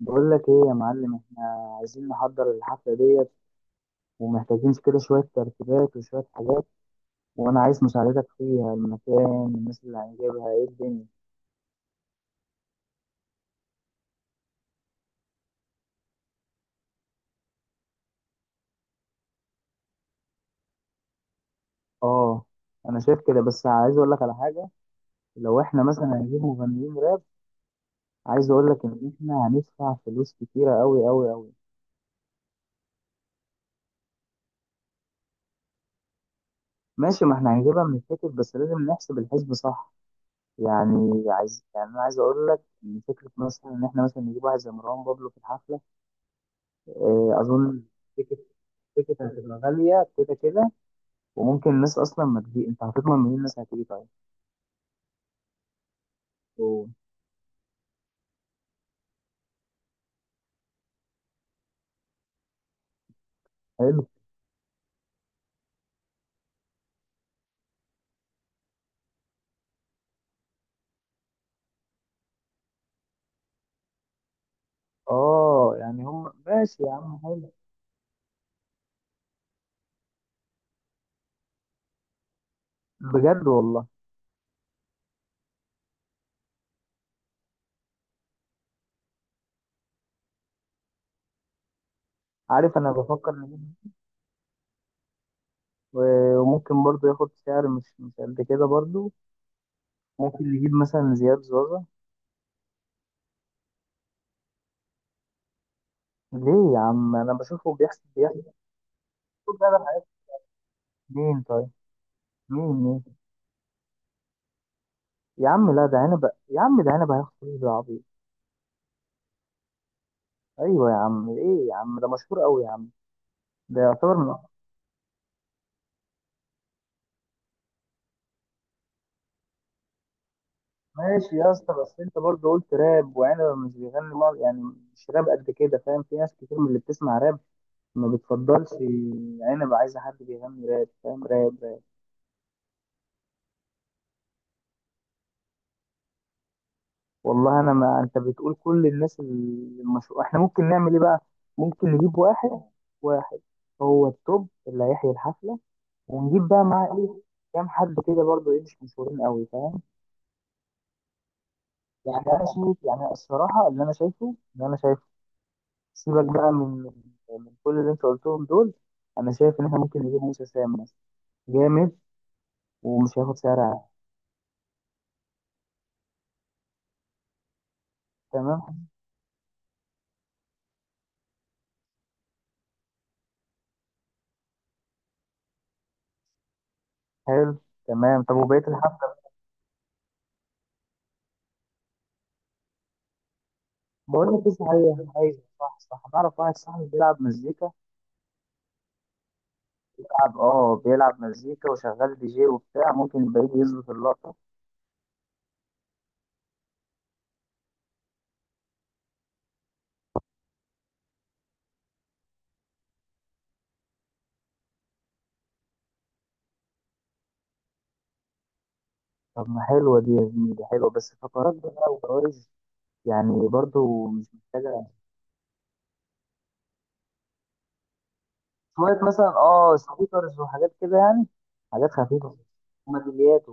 بقول لك ايه يا معلم، احنا عايزين نحضر الحفلة ديت ومحتاجين كده شوية ترتيبات وشوية حاجات. وانا عايز مساعدتك فيها. المكان، الناس اللي هنجيبها، ايه الدنيا. اه، انا شايف كده، بس عايز اقول لك على حاجة. لو احنا مثلا هنجيب مغنيين راب، عايز اقول لك ان احنا هندفع فلوس كتيرة قوي قوي قوي. ماشي، ما احنا هنجيبها من التيكت، بس لازم نحسب الحسب صح. يعني عايز يعني انا عايز اقول لك ان فكرة مثلا ان احنا مثلا نجيب واحد زي مروان بابلو في الحفلة. آه، اظن تيكت تيكت هتبقى غاليه كده كده. وممكن الناس اصلا ما تجي، انت هتضمن منين الناس هتيجي؟ طيب. أوه. حلو. اه يعني هم ماشي يا عم، حلو. بجد والله؟ عارف، انا بفكر نجيب وممكن برضو ياخد سعر مش قد كده برضو. ممكن نجيب مثلا زياد زوزة. ليه يا عم؟ انا بشوفه بيحسب كل ده، ده حياته. مين طيب؟ مين؟ يا عم لا، ده عنب. يا عم ده عنب، هياخد فلوس بالعبيط. ايوه يا عم، ايه يا عم، ده مشهور قوي يا عم، ده يعتبر من... ماشي يا اسطى، بس انت برضه قلت راب، وعنبه مش بيغني يعني مش راب قد كده، فاهم؟ في ناس كتير من اللي بتسمع راب ما بتفضلش عنبه، عايزه حد بيغني راب، فاهم؟ راب راب. والله انا، ما انت بتقول كل الناس المشهور، احنا ممكن نعمل ايه بقى؟ ممكن نجيب واحد. واحد هو التوب اللي هيحيي الحفله، ونجيب بقى معاه ايه، كام حد كده برضه ايه، مش مشهورين قوي، فاهم؟ يعني انا شايف الصراحه، اللي انا شايفه سيبك بقى من كل اللي انت قلتهم دول. انا شايف ان احنا ممكن نجيب موسى سام مثلا، جامد ومش هياخد سعر عالي. تمام. حلو. تمام، طب وبقيه الحفله؟ بقول لك ايه صحيح، عايز صح نعرف، واحد صاحبي بيلعب مزيكا. بيلعب مزيكا وشغال دي جي وبتاع، ممكن يبقى يجي يظبط اللقطه. طب ما حلوه دي يا زميلي، حلوه بس فقرات بقى وجوائز يعني برضو مش محتاجه. شويه مثلا اه سبيكرز وحاجات كده يعني، حاجات خفيفه وميداليات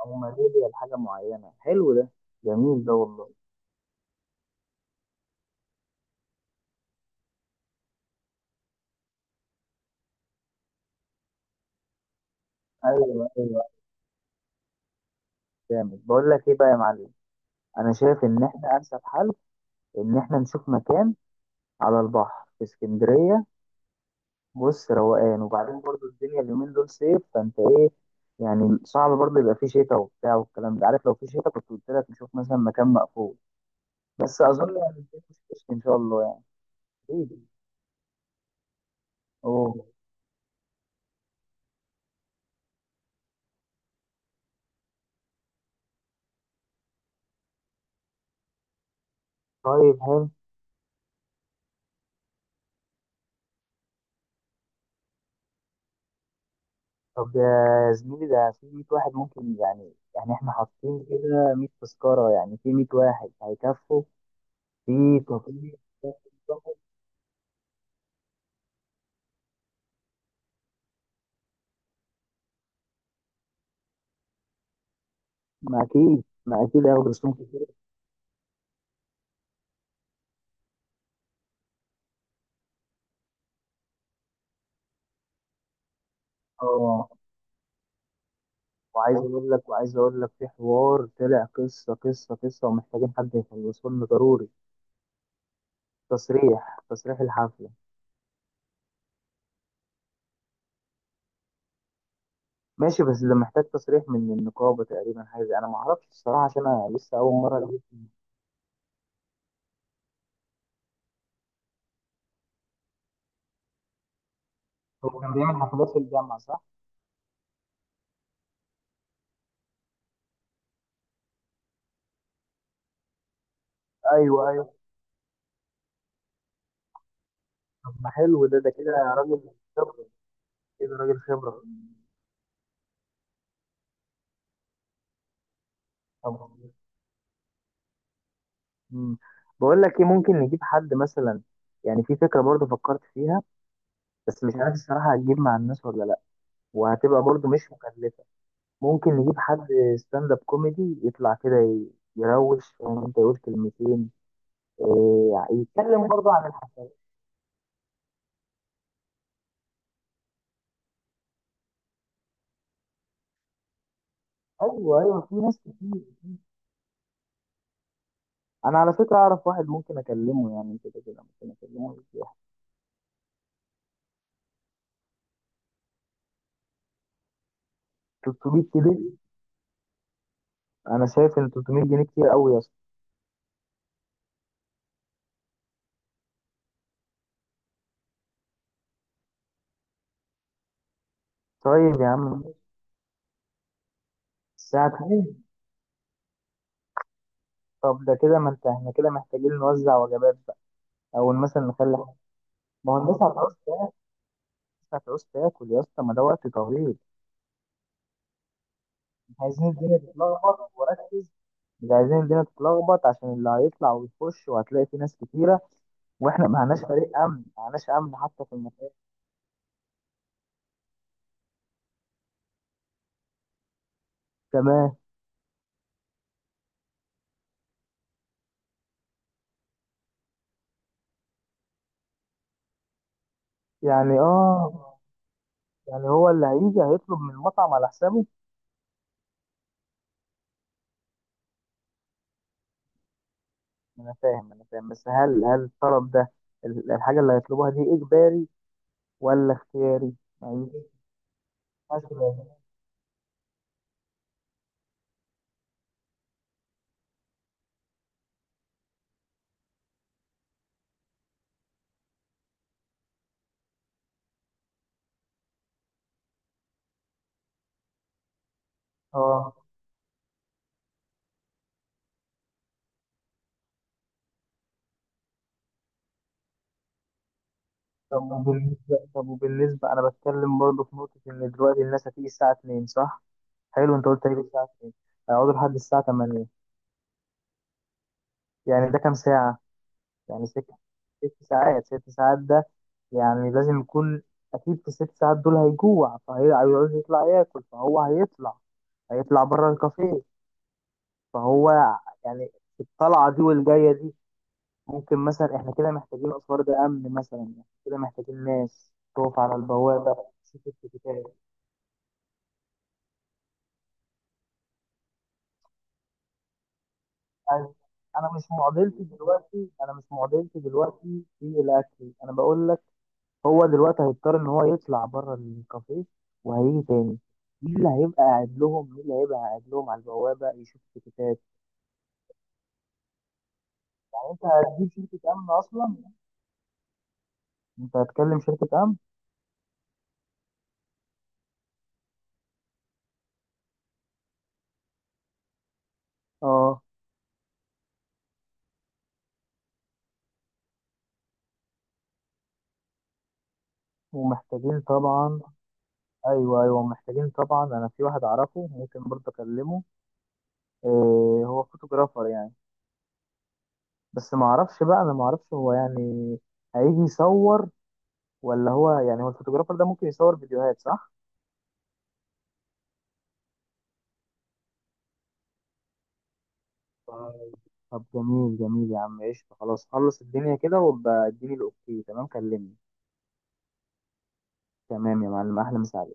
او ماليزيا لحاجه معينه. حلو ده، جميل ده والله. ايوه ايوه. جامد. بقول لك ايه بقى يا معلم، انا شايف ان احنا انسب حل ان احنا نشوف مكان على البحر في اسكندريه. بص، روقان، وبعدين برضو الدنيا اليومين دول صيف، فانت ايه؟ يعني صعب برضو يبقى فيه شتاء وبتاع والكلام ده، عارف؟ لو فيه شتاء كنت قلت لك نشوف مثلا مكان مقفول، بس اظن يعني الدنيا مش هتشتي ان شاء الله يعني. ايه؟ اوه. طيب حلو. طب يا زميلي، ده في 100 واحد، ممكن يعني احنا حاطين كده 100 تذكرة، يعني في 100 واحد هيكفوا في كافيه واحد. ما اكيد ما اكيد هياخدوا رسوم كتير. اه. وعايز اقول لك، وعايز اقول لك في حوار طلع، قصة ومحتاجين حد يخلصه لنا ضروري. تصريح الحفلة. ماشي، بس ده محتاج تصريح من النقابة تقريبا، حاجة انا ما اعرفش الصراحة، عشان انا لسه اول مرة. هو كان بيعمل حفلات في الجامعة صح؟ ايوه ايوه. طب ما حلو ده، ده كده راجل خبرة، كده راجل خبرة. طب مم. بقول لك ايه، ممكن نجيب حد مثلا، يعني في فكرة برضه فكرت فيها، بس مش عارف الصراحة هتجيب مع الناس ولا لا، وهتبقى برضه مش مكلفة. ممكن نجيب حد ستاند اب كوميدي يطلع كده يروش، فاهم انت، يقول كلمتين إيه، يتكلم برضه عن الحفلات. ايوه ايوه، في ناس كتير. انا على فكرة اعرف واحد، ممكن اكلمه، يعني كده كده ممكن اكلمه. 300 كده؟ انا شايف ان 300 جنيه كتير قوي. طيب يا عم. الساعة اتنين؟ طب ده كده، ما انت احنا كده محتاجين نوزع وجبات بقى، أو مثلا نخلي حاجة. ما هو الناس هتعوز تاكل، الناس هتعوز تاكل يا اسطى، ما ده وقت طويل. مش عايزين الدنيا تتلخبط، وركز، مش عايزين الدنيا تتلخبط عشان اللي هيطلع ويخش، وهتلاقي في ناس كتيرة، واحنا ما معناش فريق أمن، ما معناش أمن حتى في المكان. تمام. يعني اه. يعني هو اللي هيجي هيطلب من المطعم على حسابه؟ أنا فاهم، أنا فاهم، بس هل الطلب ده، الحاجة اللي هيطلبوها دي إجباري ولا اختياري؟ معيش مثلا. اه. طب وبالنسبة، طب وبالنسبة، أنا بتكلم برضه في نقطة، إن دلوقتي الناس هتيجي الساعة 2 صح؟ حلو، أنت قلت هيجي الساعة 2، هيقعدوا لحد الساعة 8، يعني ده كام ساعة؟ يعني سكة ست ساعات ده. يعني لازم يكون، أكيد في الست ساعات دول هيجوع، فهيعوز يطلع ياكل، فهو هيطلع، هيطلع بره الكافيه. فهو يعني، الطلعة دي والجاية دي، ممكن مثلا احنا كده محتاجين اسوار، ده امن مثلا، يعني كده محتاجين ناس تقف على البوابه تشوف التيكيتات. انا، أنا مش معضلتي دلوقتي انا مش معضلتي دلوقتي في الاكل، انا بقول لك هو دلوقتي هيضطر ان هو يطلع بره الكافيه وهيجي تاني، مين اللي هيبقى قاعد لهم مين اللي هيبقى قاعد لهم على البوابه يشوف التيكيتات؟ يعني انت هتجيب شركه امن اصلا؟ انت هتكلم شركه امن؟ اه. ومحتاجين طبعا. ايوه ايوه، محتاجين طبعا. انا في واحد اعرفه ممكن برضه اكلمه. إيه، هو فوتوغرافر يعني، بس ما اعرفش بقى، انا ما اعرفش هو يعني هيجي يصور، ولا هو يعني، هو الفوتوغرافر ده ممكن يصور فيديوهات صح؟ طب جميل، جميل يا عم، قشطة، خلاص، خلص الدنيا كده وابقى اديني الاوكي تمام، كلمني. تمام يا معلم، احلى مساعدة.